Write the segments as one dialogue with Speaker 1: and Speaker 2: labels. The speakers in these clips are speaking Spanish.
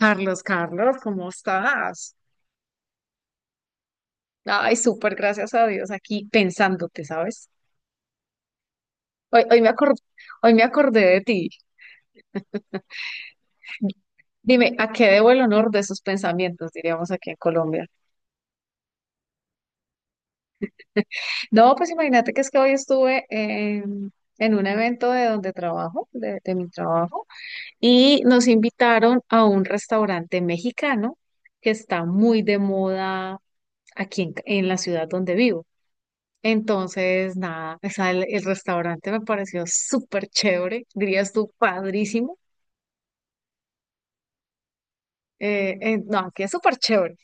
Speaker 1: Carlos, Carlos, ¿cómo estás? Ay, súper, gracias a Dios, aquí pensándote, ¿sabes? Hoy hoy me acordé de ti. Dime, ¿a qué debo el honor de esos pensamientos, diríamos aquí en Colombia? No, pues imagínate que es que hoy en un evento de donde trabajo, de mi trabajo, y nos invitaron a un restaurante mexicano que está muy de moda aquí en la ciudad donde vivo. Entonces, nada, o sea, el restaurante me pareció súper chévere, dirías tú, padrísimo. No, aquí es súper chévere,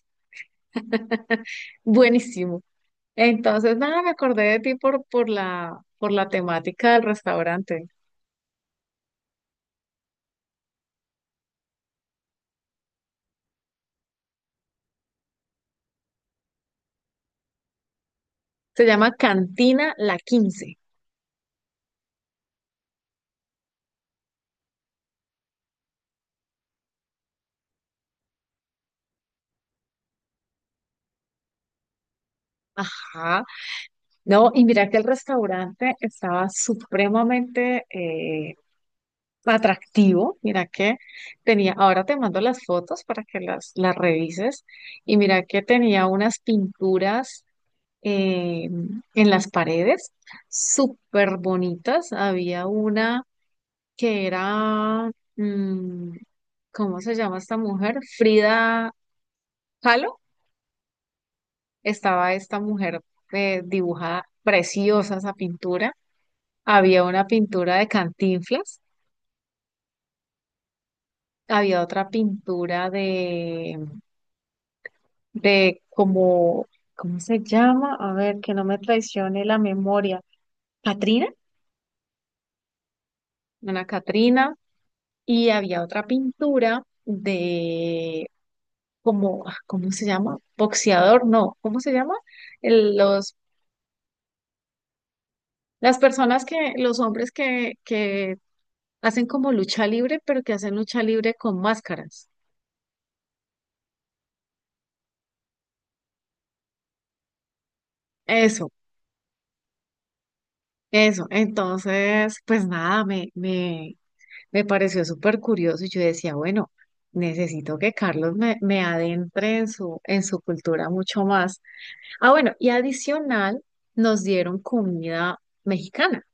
Speaker 1: buenísimo. Entonces, nada, me acordé de ti por por la temática del restaurante. Se llama Cantina La Quince. Ajá. No, y mira que el restaurante estaba supremamente, atractivo. Mira que tenía, ahora te mando las fotos para que las revises. Y mira que tenía unas pinturas eh, en las paredes súper bonitas. Había una que era, mm, ¿cómo se llama esta mujer? Frida Kahlo. Estaba esta mujer dibujada, preciosa esa pintura. Había una pintura de Cantinflas. Había otra pintura de como, ¿cómo se llama? A ver, que no me traicione la memoria. Catrina, una Catrina, y había otra pintura de como, ah, ¿cómo se llama? Boxeador, no, ¿cómo se llama? El- los, las personas los hombres que hacen como lucha libre, pero que hacen lucha libre con máscaras. Eso, eso. Entonces, pues nada, me pareció súper curioso y yo decía, bueno, necesito que Carlos me adentre en en su cultura mucho más. Ah, bueno, y adicional nos dieron comida mexicana.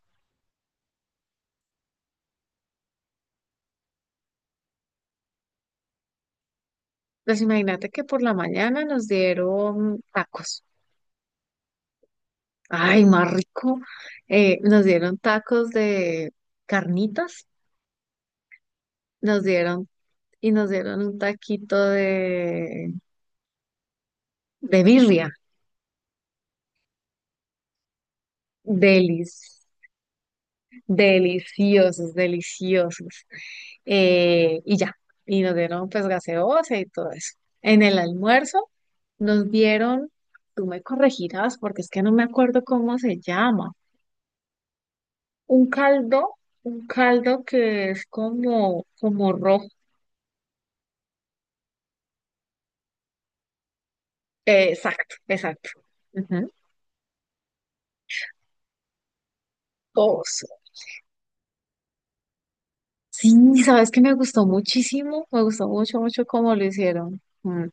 Speaker 1: Pues imagínate que por la mañana nos dieron tacos. Ay, más rico. Nos dieron tacos de carnitas, nos dieron y nos dieron un taquito de birria. Delicioso. Deliciosos, deliciosos. Y ya, y nos dieron pues gaseosa y todo eso. En el almuerzo nos dieron, tú me corregirás porque es que no me acuerdo cómo se llama, un caldo, un caldo que es como, como rojo. Exacto, exacto. Ujú. Oso. Sí, sabes que me gustó muchísimo, me gustó mucho, mucho cómo lo hicieron. Mm.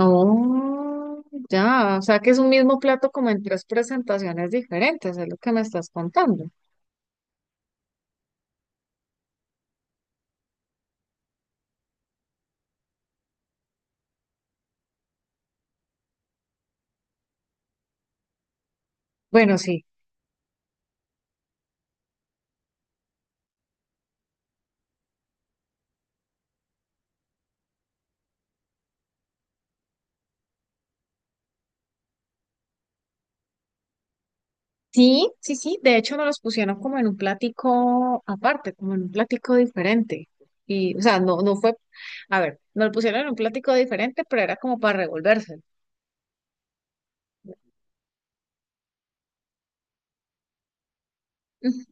Speaker 1: Oh, ya, o sea que es un mismo plato como en tres presentaciones diferentes, es lo que me estás contando. Bueno, sí, sí, sí, sí, de hecho nos los pusieron como en un platico aparte, como en un platico diferente. Y, o sea, no, no fue, a ver, nos lo pusieron en un platico diferente, pero era como para revolvérselo. Mm,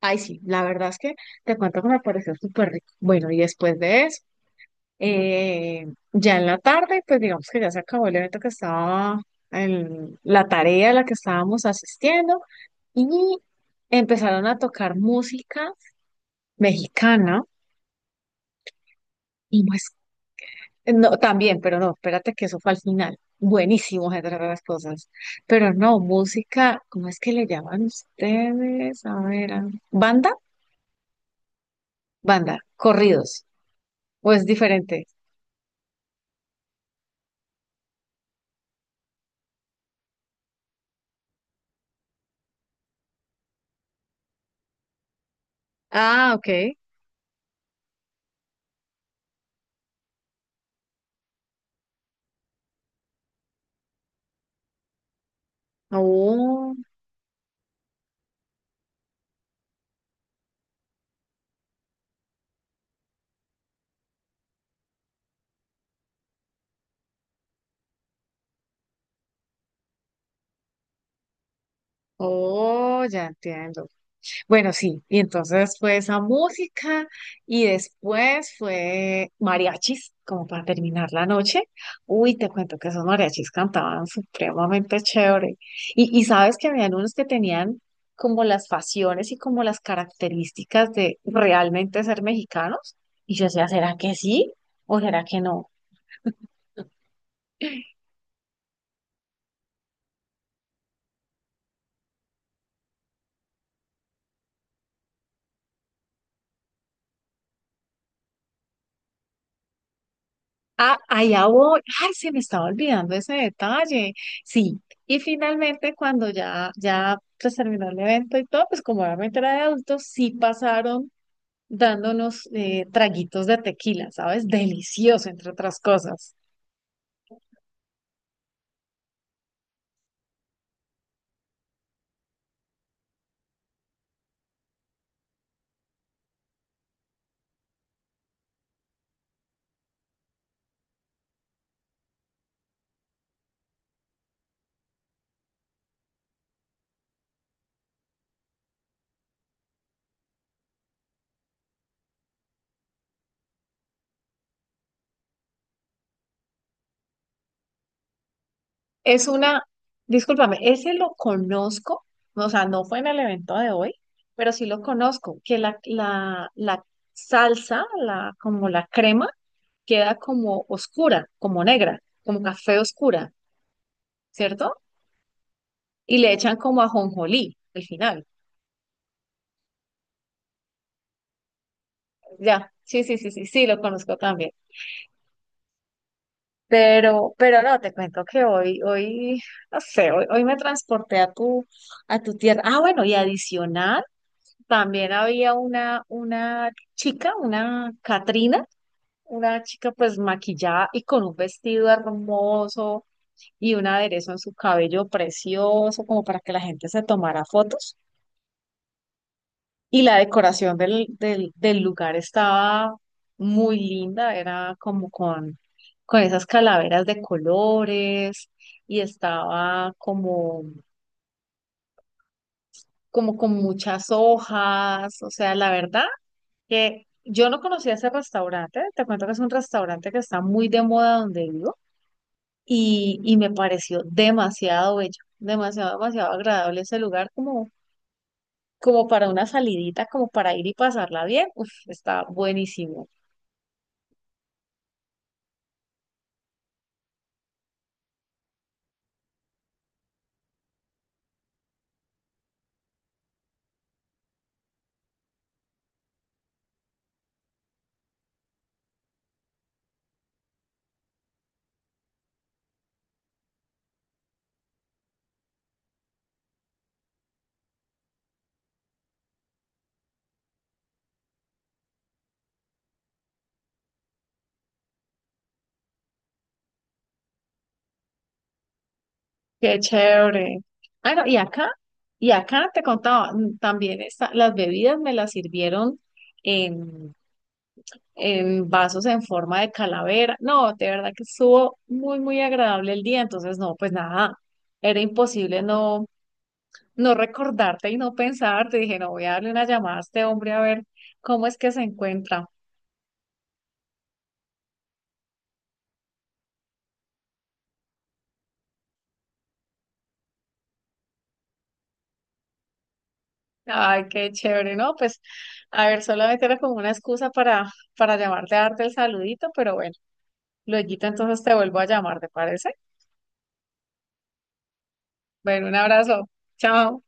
Speaker 1: ay, sí, la verdad es que te cuento que me pareció súper rico. Bueno, y después de eso. Eh, ya en la tarde, pues digamos que ya se acabó el evento que estaba, la tarea a la que estábamos asistiendo y empezaron a tocar música mexicana y pues, no, también, pero no, espérate que eso fue al final. Buenísimo, entre otras cosas. Pero no, música, ¿cómo es que le llaman ustedes? A ver, ¿banda? Banda, corridos, ¿o es diferente? Ah, ok. Oh, oh, ya entiendo. Bueno, sí, y entonces fue esa música y después fue mariachis, como para terminar la noche. Uy, te cuento que esos mariachis cantaban supremamente chévere. Y sabes que habían unos que tenían como las facciones y como las características de realmente ser mexicanos. Y yo decía, ¿será que sí o será que no? Ah, allá voy. Ay, se me estaba olvidando ese detalle. Sí. Y finalmente, cuando ya pues, terminó el evento y todo, pues como obviamente era de adultos, sí pasaron dándonos traguitos de tequila, ¿sabes? Delicioso, entre otras cosas. Es una, discúlpame, ese lo conozco, o sea, no fue en el evento de hoy, pero sí lo conozco, que la salsa, la, como la crema, queda como oscura, como negra, como café oscura. ¿Cierto? Y le echan como ajonjolí al final. Ya, sí, sí, sí, sí, sí, lo conozco también. Pero no, te cuento que no sé, hoy me transporté a a tu tierra. Ah, bueno, y adicional, también había una chica, una Catrina, una chica pues maquillada y con un vestido hermoso y un aderezo en su cabello precioso, como para que la gente se tomara fotos. Y la decoración del lugar estaba muy linda, era como con esas calaveras de colores y estaba como, como con muchas hojas. O sea, la verdad que yo no conocía ese restaurante, te cuento que es un restaurante que está muy de moda donde vivo y me pareció demasiado bello, demasiado, demasiado agradable ese lugar como, como para una salidita, como para ir y pasarla bien. Uf, está buenísimo. Qué chévere. Ah, no, y acá te contaba, mm, también está, las bebidas me las sirvieron en, en vasos en forma de calavera. No, de verdad que estuvo muy, muy agradable el día. Entonces, no, pues nada, era imposible no, no recordarte y no pensarte. Dije, no, voy a darle una llamada a este hombre a ver cómo es que se encuentra. Ay, qué chévere, ¿no? Pues, a ver, solamente era como una excusa para llamarte a darte el saludito, pero bueno. Lueguito, entonces te vuelvo a llamar, ¿te parece? Bueno, un abrazo. Chao.